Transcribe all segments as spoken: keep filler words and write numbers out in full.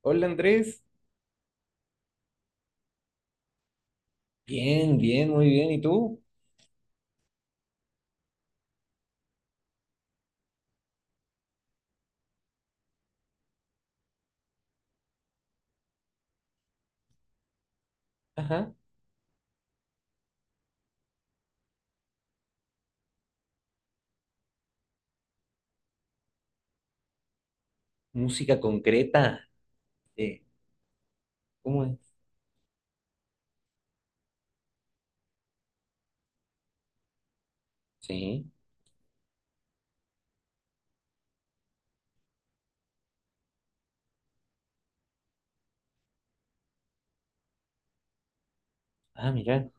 Hola Andrés, bien, bien, muy bien. ¿Y tú? Ajá, música concreta. Sí. ¿Cómo es? Sí. Ah, mira,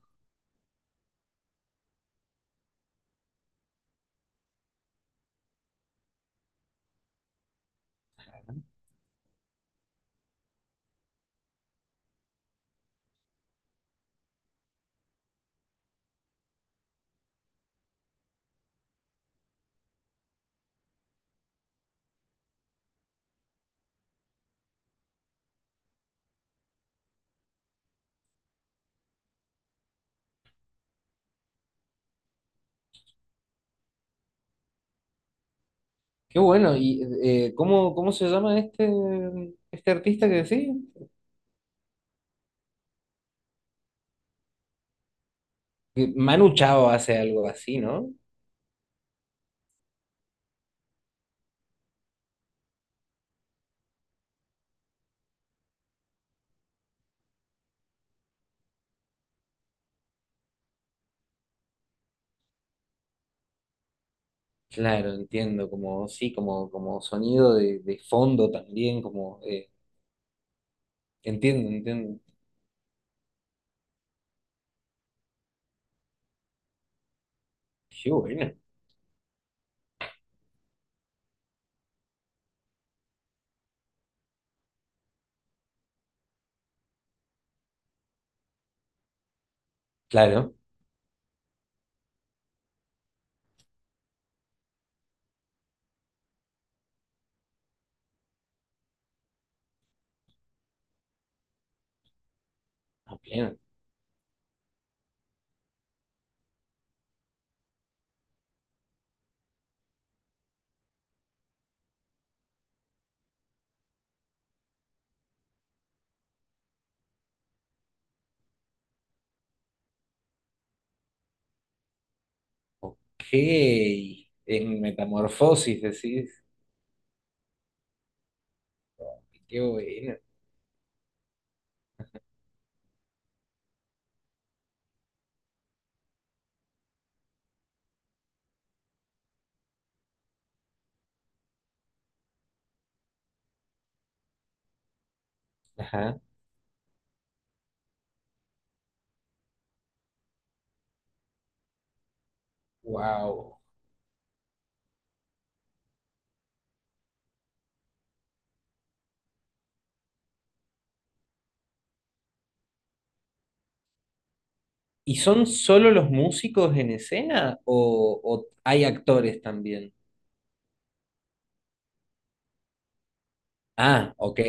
qué bueno. ¿Y eh, cómo, cómo se llama este, este artista que decís? Que Manu Chao hace algo así, ¿no? Claro, entiendo, como sí, como, como sonido de, de fondo también, como eh, entiendo, entiendo. Qué bueno. Claro, a pleno. Ok. En metamorfosis decís, qué bueno. Ajá. Wow. ¿Y son solo los músicos en escena o, o hay actores también? Ah, ok,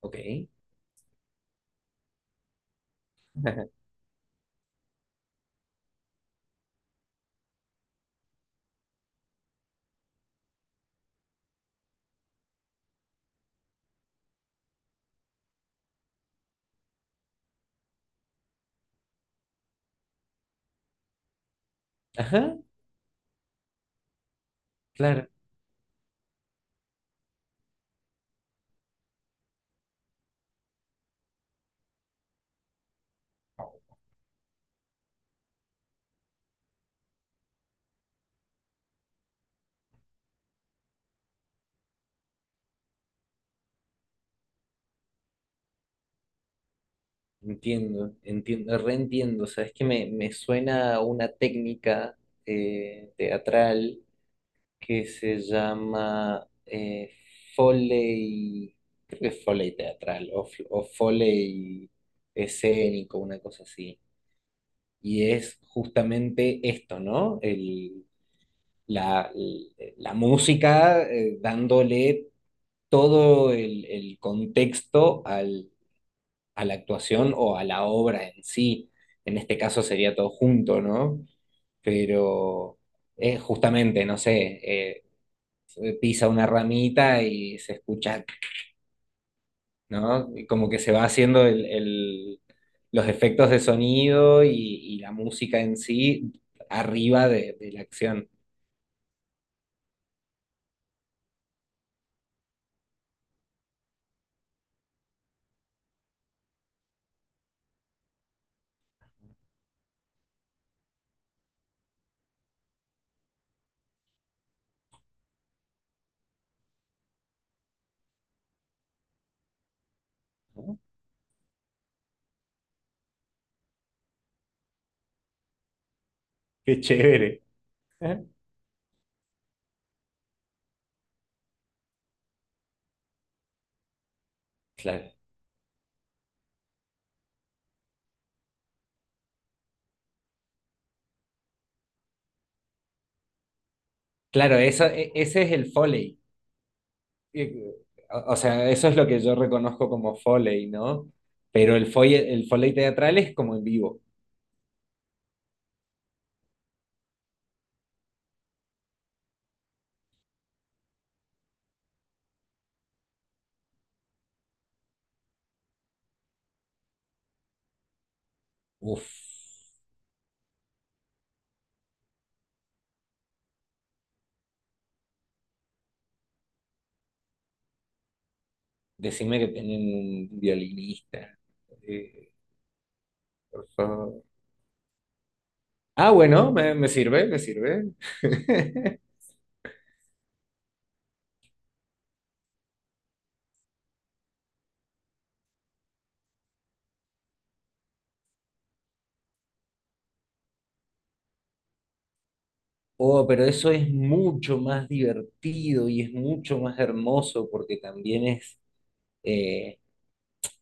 ok. Ajá, claro, entiendo, entiendo, reentiendo. O sea, es que me, me suena a una técnica eh, teatral que se llama eh, Foley, creo que es Foley teatral o, f- o Foley escénico, una cosa así. Y es justamente esto, ¿no? la, la música, eh, dándole todo el, el contexto al, a la actuación o a la obra en sí. En este caso sería todo junto, ¿no? Pero eh, justamente, no sé, eh, eh, pisa una ramita y se escucha, ¿no? Y como que se va haciendo el, el- los efectos de sonido y, y la música en sí arriba de, de la acción, ¿no? Qué chévere. Ajá. Claro. Claro, eso, e- ese es el Foley. Eh, O o sea, eso es lo que yo reconozco como Foley, ¿no? Pero el Foley, el Foley teatral es como en vivo. Uf, decime que tienen un violinista. Eh, por favor. Ah, bueno, me, me sirve, me sirve. Oh, pero eso es mucho más divertido y es mucho más hermoso porque también es, eh,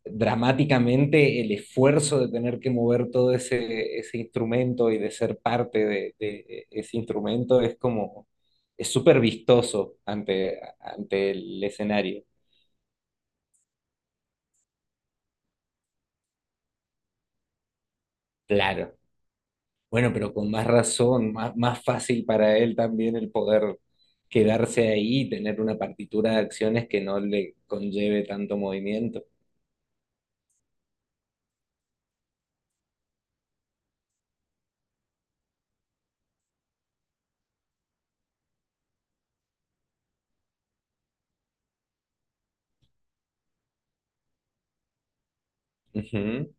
dramáticamente el esfuerzo de tener que mover todo ese, ese instrumento y de ser parte de, de ese instrumento es como, es súper vistoso ante, ante el escenario. Claro. Bueno, pero con más razón, más, más fácil para él también el poder quedarse ahí y tener una partitura de acciones que no le conlleve tanto movimiento. Ujú.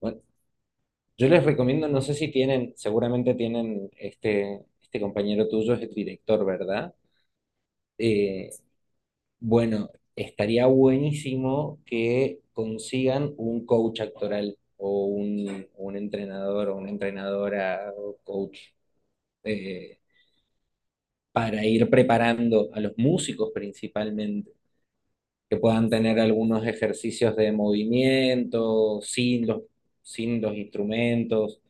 Bueno, yo les recomiendo, no sé si tienen, seguramente tienen este, este compañero tuyo es el director, ¿verdad? Eh, bueno, estaría buenísimo que consigan un coach actoral o un, un entrenador o una entrenadora o coach eh, para ir preparando a los músicos principalmente, que puedan tener algunos ejercicios de movimiento sin los, sin los instrumentos,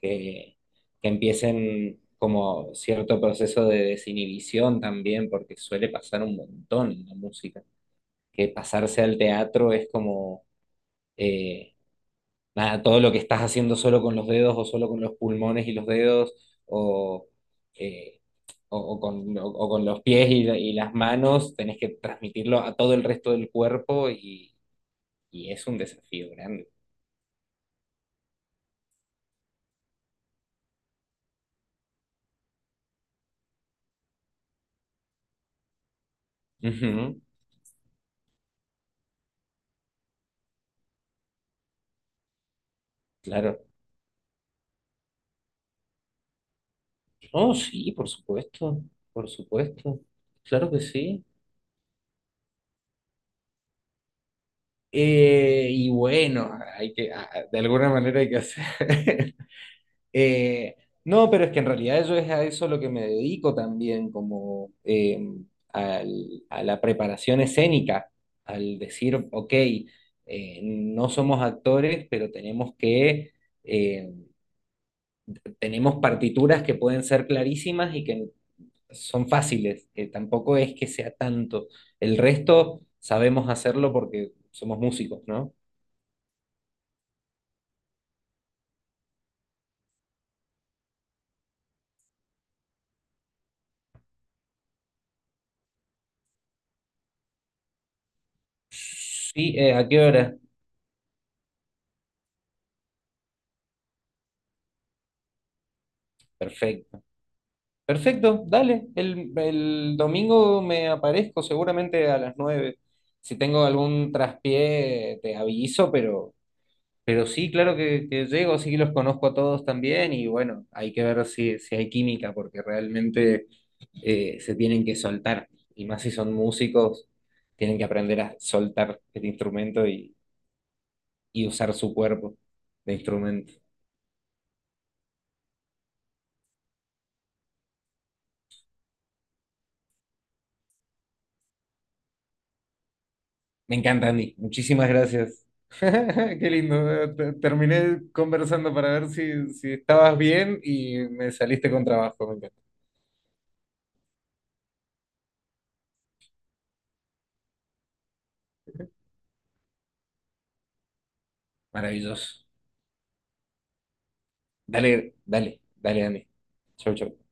que, que empiecen como cierto proceso de desinhibición también, porque suele pasar un montón en la música que pasarse al teatro es como, eh, nada, todo lo que estás haciendo solo con los dedos o solo con los pulmones y los dedos o, eh, o, o con, o- o con los pies y, y las manos, tenés que transmitirlo a todo el resto del cuerpo y, y es un desafío grande. Ujú, claro. Oh, sí, por supuesto, por supuesto, claro que sí. Eh, y bueno, hay que, a- a- de alguna manera hay que hacer. Eh, no, pero es que en realidad yo es a eso lo que me dedico también, como eh, al- a la preparación escénica, al decir, ok, eh, no somos actores, pero tenemos que, eh, tenemos partituras que pueden ser clarísimas y que son fáciles, que tampoco es que sea tanto. El resto sabemos hacerlo porque somos músicos, ¿no? Sí, eh, ¿a qué hora? Perfecto. Perfecto, dale. El, el domingo me aparezco seguramente a las nueve. Si tengo algún traspié, te aviso, pero, pero sí, claro que, que llego, sí que los conozco a todos también y bueno, hay que ver si, si hay química, porque realmente eh, se tienen que soltar. Y más si son músicos, tienen que aprender a soltar el instrumento y, y usar su cuerpo de instrumento. Me encanta, Andy. Muchísimas gracias. Qué lindo. Te- Terminé conversando para ver si, si estabas bien y me saliste con trabajo. Me encanta. Maravilloso. Dale, dale, dale, Andy. Chau, chau.